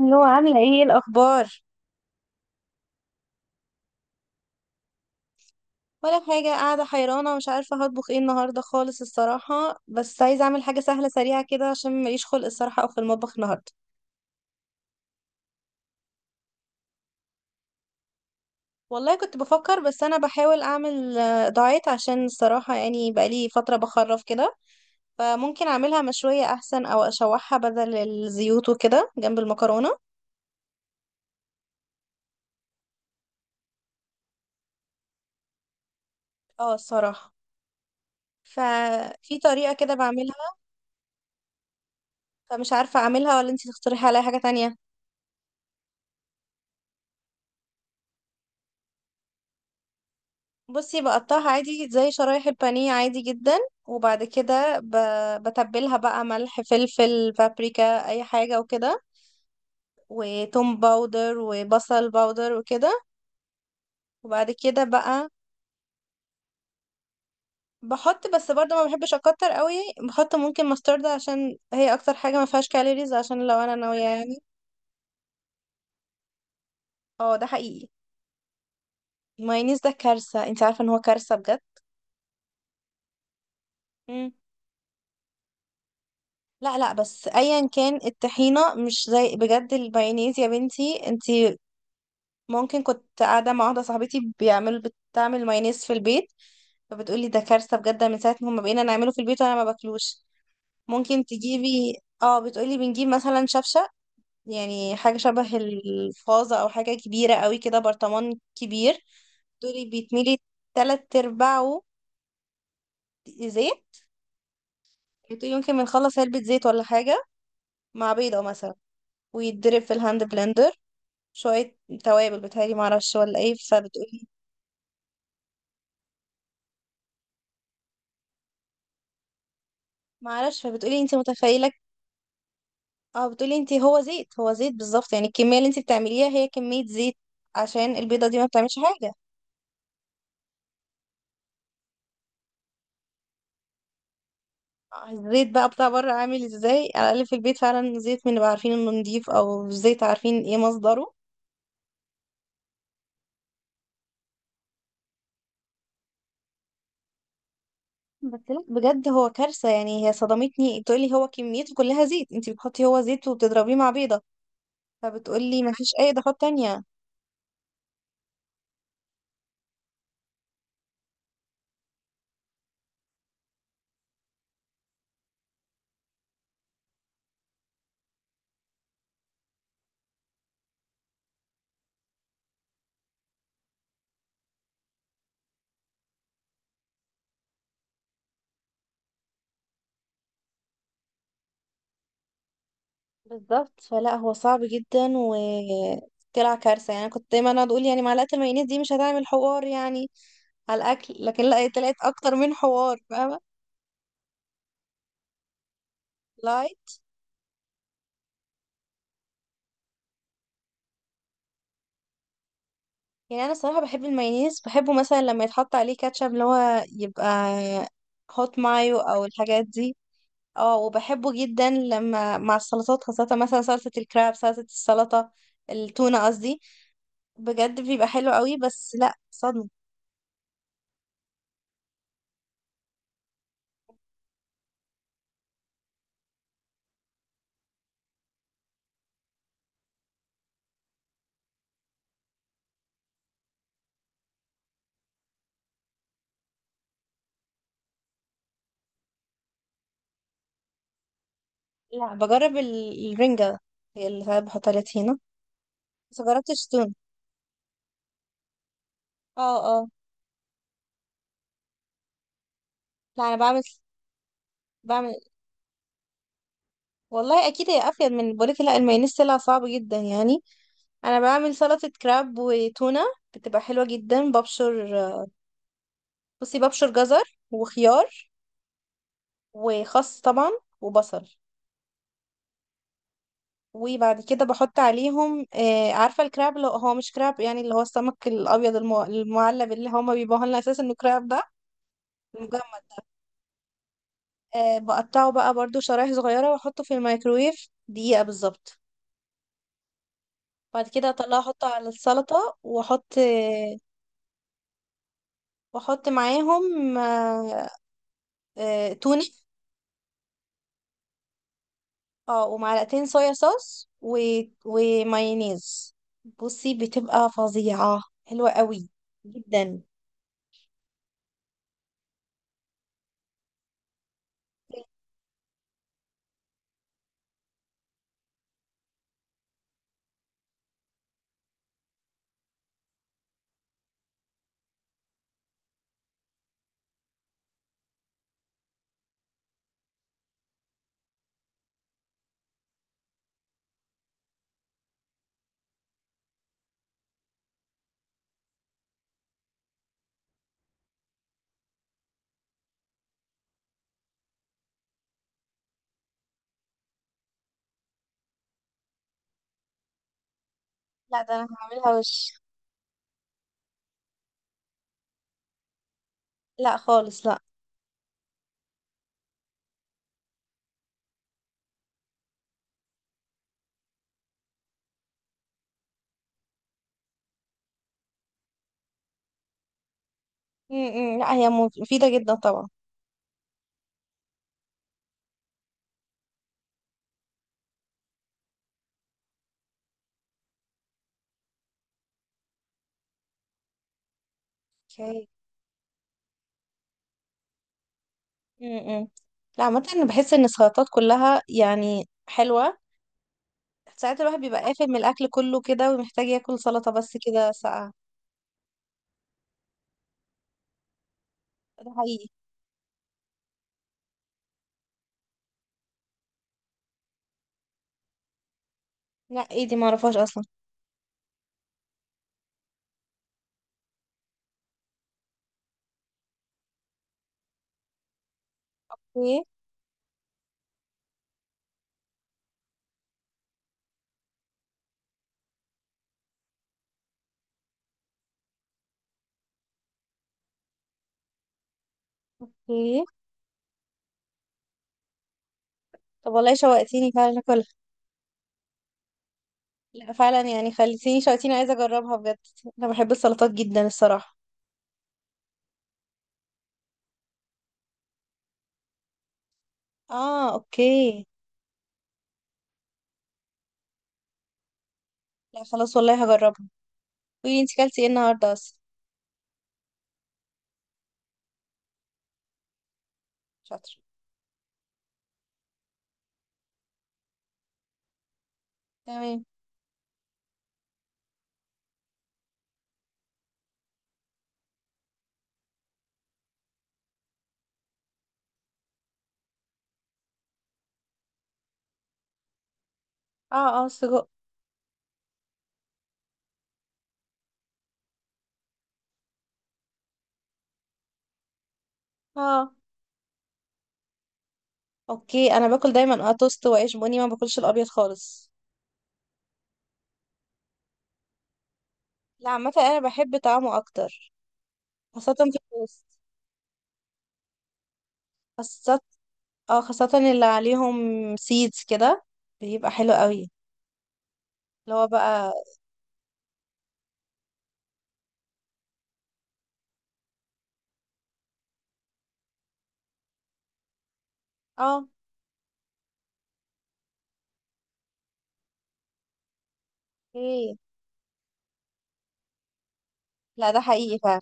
اللي هو عاملة ايه؟ إيه الأخبار؟ ولا حاجة، قاعدة حيرانة ومش عارفة هطبخ ايه النهاردة خالص الصراحة. بس عايزة أعمل حاجة سهلة سريعة كده عشان ماليش خلق الصراحة أو في المطبخ النهاردة. والله كنت بفكر، بس أنا بحاول أعمل دايت عشان الصراحة، يعني بقالي فترة بخرف كده. فممكن أعملها مشوية أحسن، أو أشوحها بدل الزيوت وكده جنب المكرونة. اه الصراحة. ففي طريقة كده بعملها، فمش عارفة أعملها ولا انتي تقترحي عليا حاجة تانية. بصي، بقطعها عادي زي شرايح البانيه عادي جدا. وبعد كده بتبلها بقى ملح فلفل بابريكا اي حاجة وكده، وتوم باودر وبصل باودر وكده. وبعد كده بقى بحط، بس برضه ما بحبش اكتر قوي. بحط ممكن مسترد عشان هي اكتر حاجة ما فيهاش كالوريز، عشان لو انا ناوية يعني. اه ده حقيقي. المايونيز ده كارثة، انت عارفة ان هو كارثة بجد. مم. لا بس ايا كان الطحينه مش زي بجد المايونيز يا بنتي انت. ممكن، كنت قاعدة مع واحدة صاحبتي بيعملوا، بتعمل مايونيز في البيت. فبتقولي ده كارثة بجد، من ساعة ما بقينا نعمله في البيت وانا ما باكلوش. ممكن تجيبي، اه بتقولي بنجيب مثلا شفشة، يعني حاجة شبه الفازة او حاجة كبيرة قوي كده، برطمان كبير. تقولي بيتملي تلات ارباعه زيت. بتقولي ممكن بنخلص علبة زيت ولا حاجة، مع بيضة مثلا. ويتضرب في الهاند بلندر، شوية توابل بتهيألي معرفش ولا ايه. فبتقولي، معرفش، فبتقولي انت متخيلة؟ اه بتقولي، انت هو زيت، هو زيت بالظبط. يعني الكمية اللي انت بتعمليها هي كمية زيت، عشان البيضة دي ما بتعملش حاجة. الزيت بقى بتاع بره عامل ازاي؟ على الأقل في البيت فعلا زيت من اللي بقى عارفين انه نضيف، او زيت عارفين ايه مصدره. بس لا بجد هو كارثة، يعني هي صدمتني. بتقولي هو كميته كلها زيت، انت بتحطي هو زيت وبتضربيه مع بيضة. فبتقولي ما فيش اي اضافات تانية. بالظبط. فلا هو صعب جدا، و طلع كارثة. يعني أنا كنت دايما اقعد اقول يعني معلقة المايونيز دي مش هتعمل حوار يعني على الاكل، لكن لا طلعت اكتر من حوار، فاهمه. لايك، يعني انا صراحه بحب المايونيز، بحبه مثلا لما يتحط عليه كاتشب اللي هو يبقى هوت مايو او الحاجات دي. اه وبحبه جدا لما مع السلطات، خاصه مثلا سلطه الكراب، السلطه التونه قصدي. بجد بيبقى حلو قوي. بس لا صدمه. لا بجرب الرنجه، هي اللي ساعات بحط عليها طحينه، بس مجربتش تونه. اه اه. لا انا بعمل، بعمل والله اكيد هي افيد من، بقولك لا المايونيز طلع صعب جدا يعني. انا بعمل سلطة كراب وتونة، بتبقى حلوة جدا. ببشر، بصي، ببشر جزر وخيار وخس طبعا وبصل. وبعد كده بحط عليهم عارفة الكراب اللي هو مش كراب، يعني اللي هو السمك الابيض المعلب اللي هما بيبيعوه لنا اساسا انه كراب ده، المجمد. بقطعه بقى برضو شرايح صغيرة، واحطه في الميكرويف دقيقة بالظبط. بعد كده اطلعه، احطه على السلطة، واحط واحط معاهم تونة. اه، ومعلقتين صويا صوص و... ومايونيز. بصي بتبقى فظيعة، حلوة قوي جدا. لا ده انا هعملها وش. لا خالص لا. م -م. لا هي مفيدة جدا طبعا. اوكي. م -م. لا عامة انا بحس ان السلطات كلها يعني حلوة. ساعات الواحد بيبقى قافل من الاكل كله كده، ومحتاج ياكل سلطة بس كده ساقعة. ده حقيقي. لا، ايه دي؟ معرفهاش اصلا. ايه؟ ايه؟ طب والله شوقتيني فعلا اكل. لا فعلا، يعني خليتيني شوقتيني، عايزه اجربها بجد. انا بحب السلطات جدا الصراحه. اه اوكي. لا خلاص والله هجربها. قولي انتي كلتي ايه النهارده اصلا؟ شاطر. تمام. اه اه سجق. اه اوكي. انا باكل دايما اه توست وعيش بني، ما باكلش الابيض خالص. لا عامه انا بحب طعمه اكتر، خاصه في التوست. خاصه، اه خاصه اللي عليهم سيدز كده، بيبقى حلو قوي. اللي هو بقى اه اوكي. لا ده حقيقي فعلا.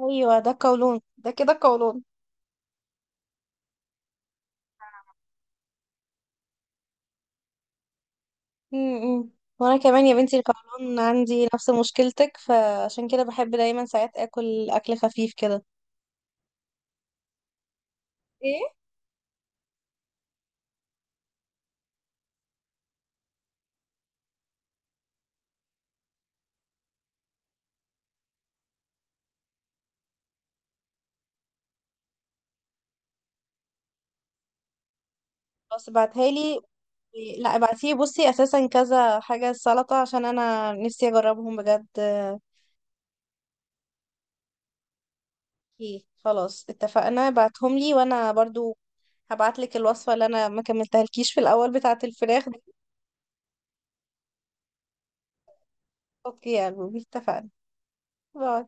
ايوه ده قولون ده، كده قولون. امم وانا كمان يا بنتي القولون عندي نفس مشكلتك، فعشان كده بحب دايما ساعات اكل اكل خفيف كده. ايه، بس ابعتها لي. لا ابعتيه، بصي اساسا كذا حاجه سلطه عشان انا نفسي اجربهم بجد. ايه خلاص اتفقنا، بعتهم لي وانا برضو هبعت لك الوصفه اللي انا ما كملتهالكيش في الاول بتاعه الفراخ دي. اوكي يا قلبي اتفقنا. باي.